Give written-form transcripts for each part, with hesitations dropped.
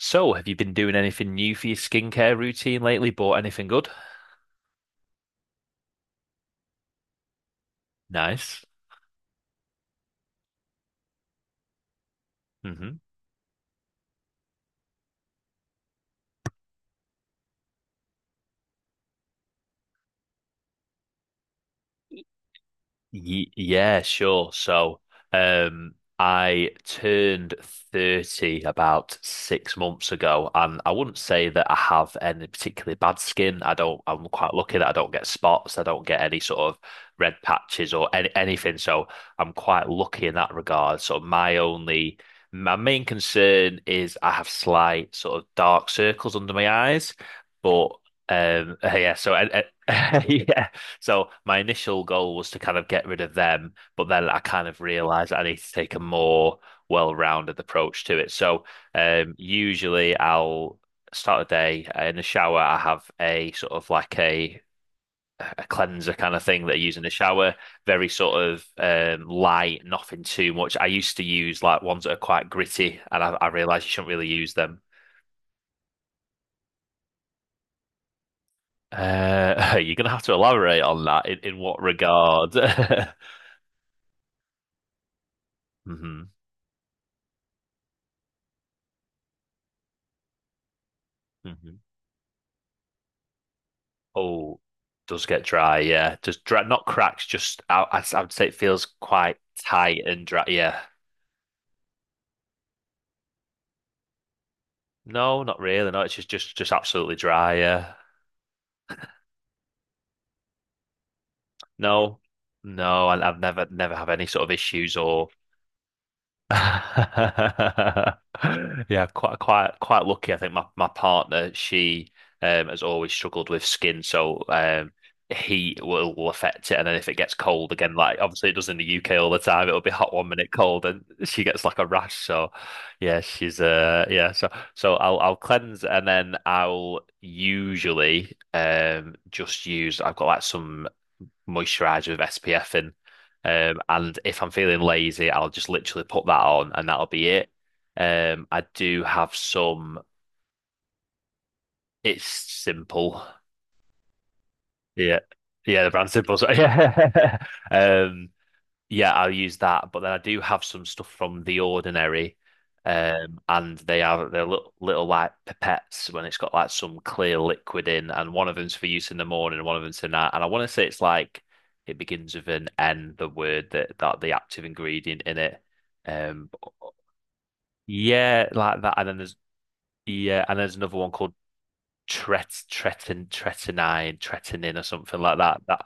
So, have you been doing anything new for your skincare routine lately? Bought anything good? Nice. Mm-hmm. Yeah, sure. So, I turned 30 about 6 months ago, and I wouldn't say that I have any particularly bad skin. I don't, I'm quite lucky that I don't get spots, I don't get any sort of red patches or anything. So, I'm quite lucky in that regard. So, my main concern is I have slight sort of dark circles under my eyes, but, yeah, so, yeah. So my initial goal was to kind of get rid of them, but then I kind of realized I need to take a more well-rounded approach to it. So usually I'll start a day in the shower. I have a sort of like a cleanser kind of thing that I use in the shower, very sort of light, nothing too much. I used to use like ones that are quite gritty, and I realized you shouldn't really use them. You're gonna have to elaborate on that in what regard? Hmm. Hmm. Oh, does get dry, yeah. Just dry, not cracks, just I would say it feels quite tight and dry. Yeah. No, not really. No, it's just absolutely dry. Yeah. No, no, I've never have any sort of issues or yeah, quite lucky. I think my partner, she has always struggled with skin, so heat will affect it and then if it gets cold again, like obviously it does in the UK all the time, it'll be hot one minute cold and she gets like a rash. So yeah, she's yeah, so I'll cleanse and then I'll usually just use I've got like some moisturizer with SPF in. And if I'm feeling lazy, I'll just literally put that on and that'll be it. I do have some, it's simple. Yeah. Yeah, the brand simple. So, yeah. Um, yeah, I'll use that. But then I do have some stuff from The Ordinary, and they're little like pipettes when it's got like some clear liquid in, and one of them's for use in the morning, and one of them's for night. And I want to say it's like it begins with an N, the word that the active ingredient in it. Um, yeah, like that. And there's another one called tretinin or something like that.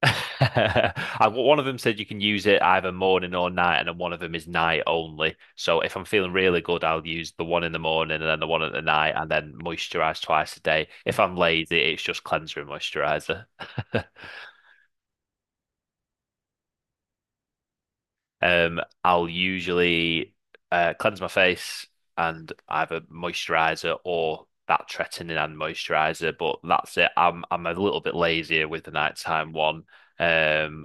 And one of them said you can use it either morning or night, and then one of them is night only. So if I'm feeling really good, I'll use the one in the morning and then the one at the night, and then moisturize twice a day. If I'm lazy, it's just cleanser and moisturizer. I'll usually cleanse my face and either moisturizer or that tretinoin and moisturizer, but that's it. I'm a little bit lazier with the nighttime one. Um,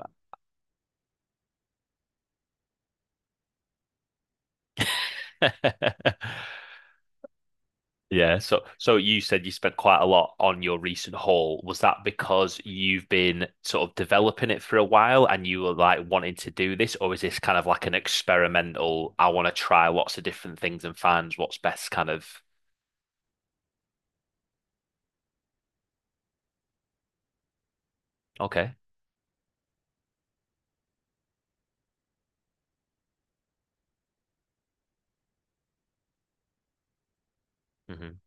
Yeah, so you said you spent quite a lot on your recent haul. Was that because you've been sort of developing it for a while and you were like wanting to do this, or is this kind of like an experimental, I want to try lots of different things and find what's best kind of. Okay. Hmm.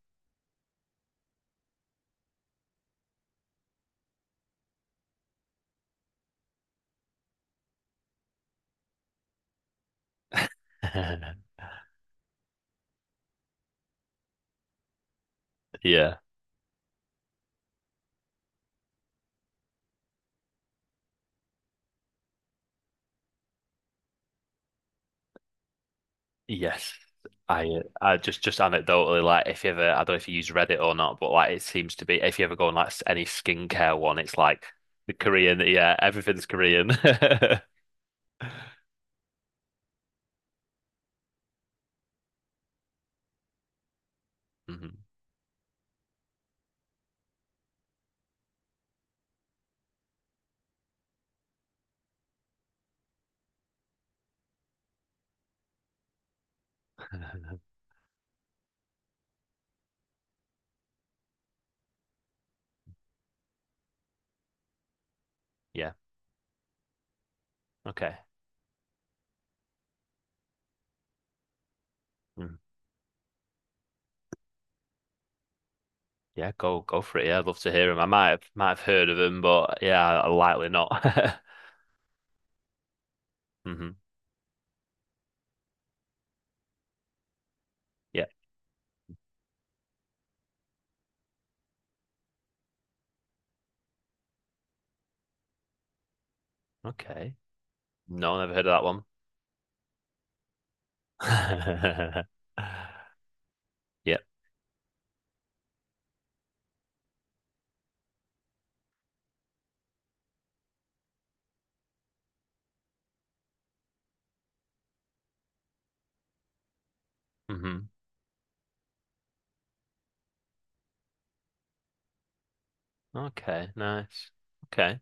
Yeah. Yes. I just anecdotally like if you ever I don't know if you use Reddit or not, but like it seems to be if you ever go on like any skincare one, it's like the Korean, yeah, everything's Korean. Mhm. Yeah. Okay. Mm. Yeah, go for it. Yeah, I'd love to hear him. I might have heard of him, but yeah, I likely not. Hmm. Yeah. Okay. No, never heard of that one. Yep. Hmm. Okay. Nice. Okay.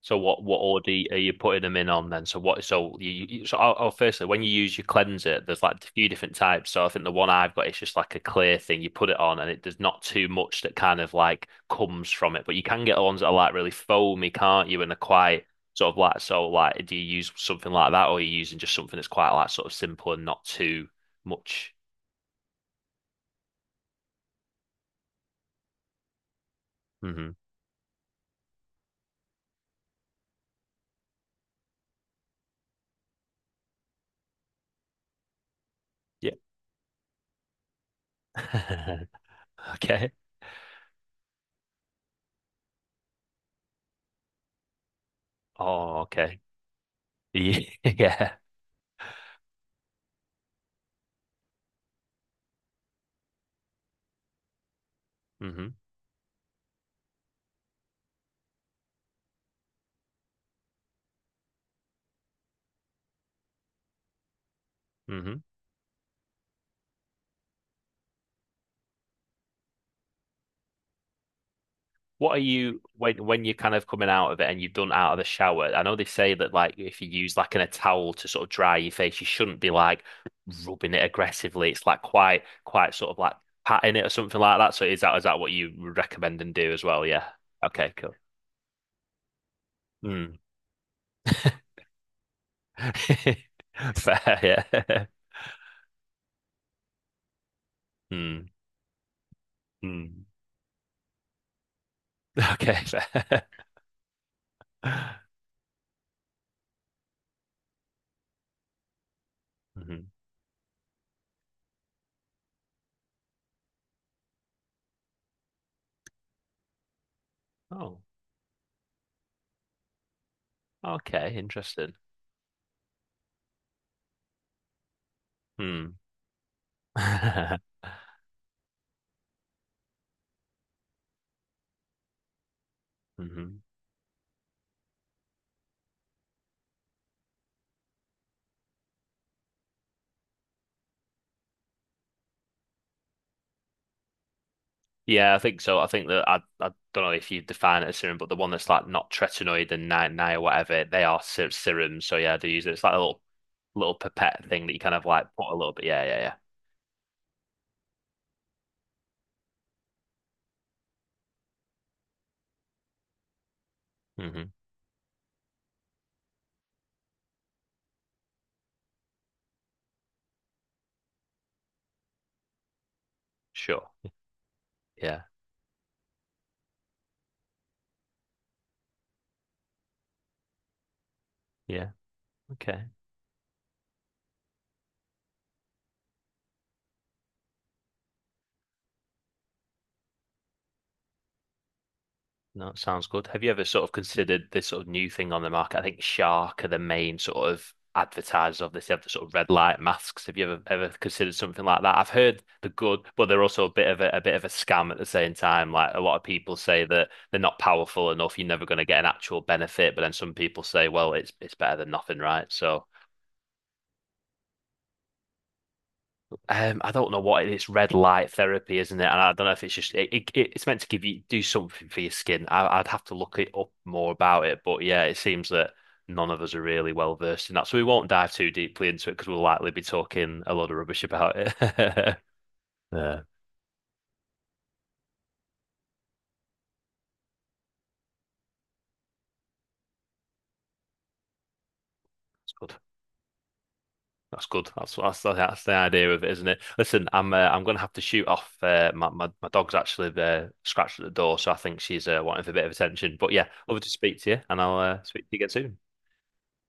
So what order are you putting them in on then? So I'll firstly when you use your cleanser, there's like a few different types. So I think the one I've got is just like a clear thing. You put it on and it there's not too much that kind of like comes from it. But you can get the ones that are like really foamy, can't you? And they're quite sort of like so like do you use something like that or are you using just something that's quite like sort of simple and not too much? Hmm. Yeah. Okay. Oh, okay. Yeah. Yeah. Hmm. What are you When you're kind of coming out of it and you've done out of the shower? I know they say that like if you use like in a towel to sort of dry your face, you shouldn't be like rubbing it aggressively. It's like quite sort of like patting it or something like that. So is that what you would recommend and do as well? Yeah. Okay, cool. Hmm. Fair, yeah. Hmm. Hmm. Okay, fair. Mhm. Oh, okay, interesting. Hmm. Mhm. Yeah, I think so. I think that I don't know if you define it as serum, but the one that's like not tretinoid and ni or whatever, they are serums. So yeah, they use it. It's like a little pipette thing that you kind of like put a little bit. Yeah, yeah, yeah. Hmm. Sure. Yeah, yeah. Okay. No, it sounds good. Have you ever sort of considered this sort of new thing on the market? I think Shark are the main sort of advertisers of this. They have the sort of red light masks. Have you ever considered something like that? I've heard the good, but they're also a bit of a scam at the same time. Like a lot of people say that they're not powerful enough, you're never going to get an actual benefit, but then some people say, well, it's better than nothing, right? So I don't know what it is. Red light therapy, isn't it? And I don't know if it's just It's meant to give you do something for your skin. I'd have to look it up more about it. But yeah, it seems that none of us are really well versed in that, so we won't dive too deeply into it because we'll likely be talking a lot of rubbish about it. Yeah, that's good. That's good. That's the idea of it, isn't it? Listen, I'm gonna have to shoot off. My, my dog's actually scratched at the door, so I think she's wanting for a bit of attention. But yeah, lovely to speak to you, and I'll speak to you again soon.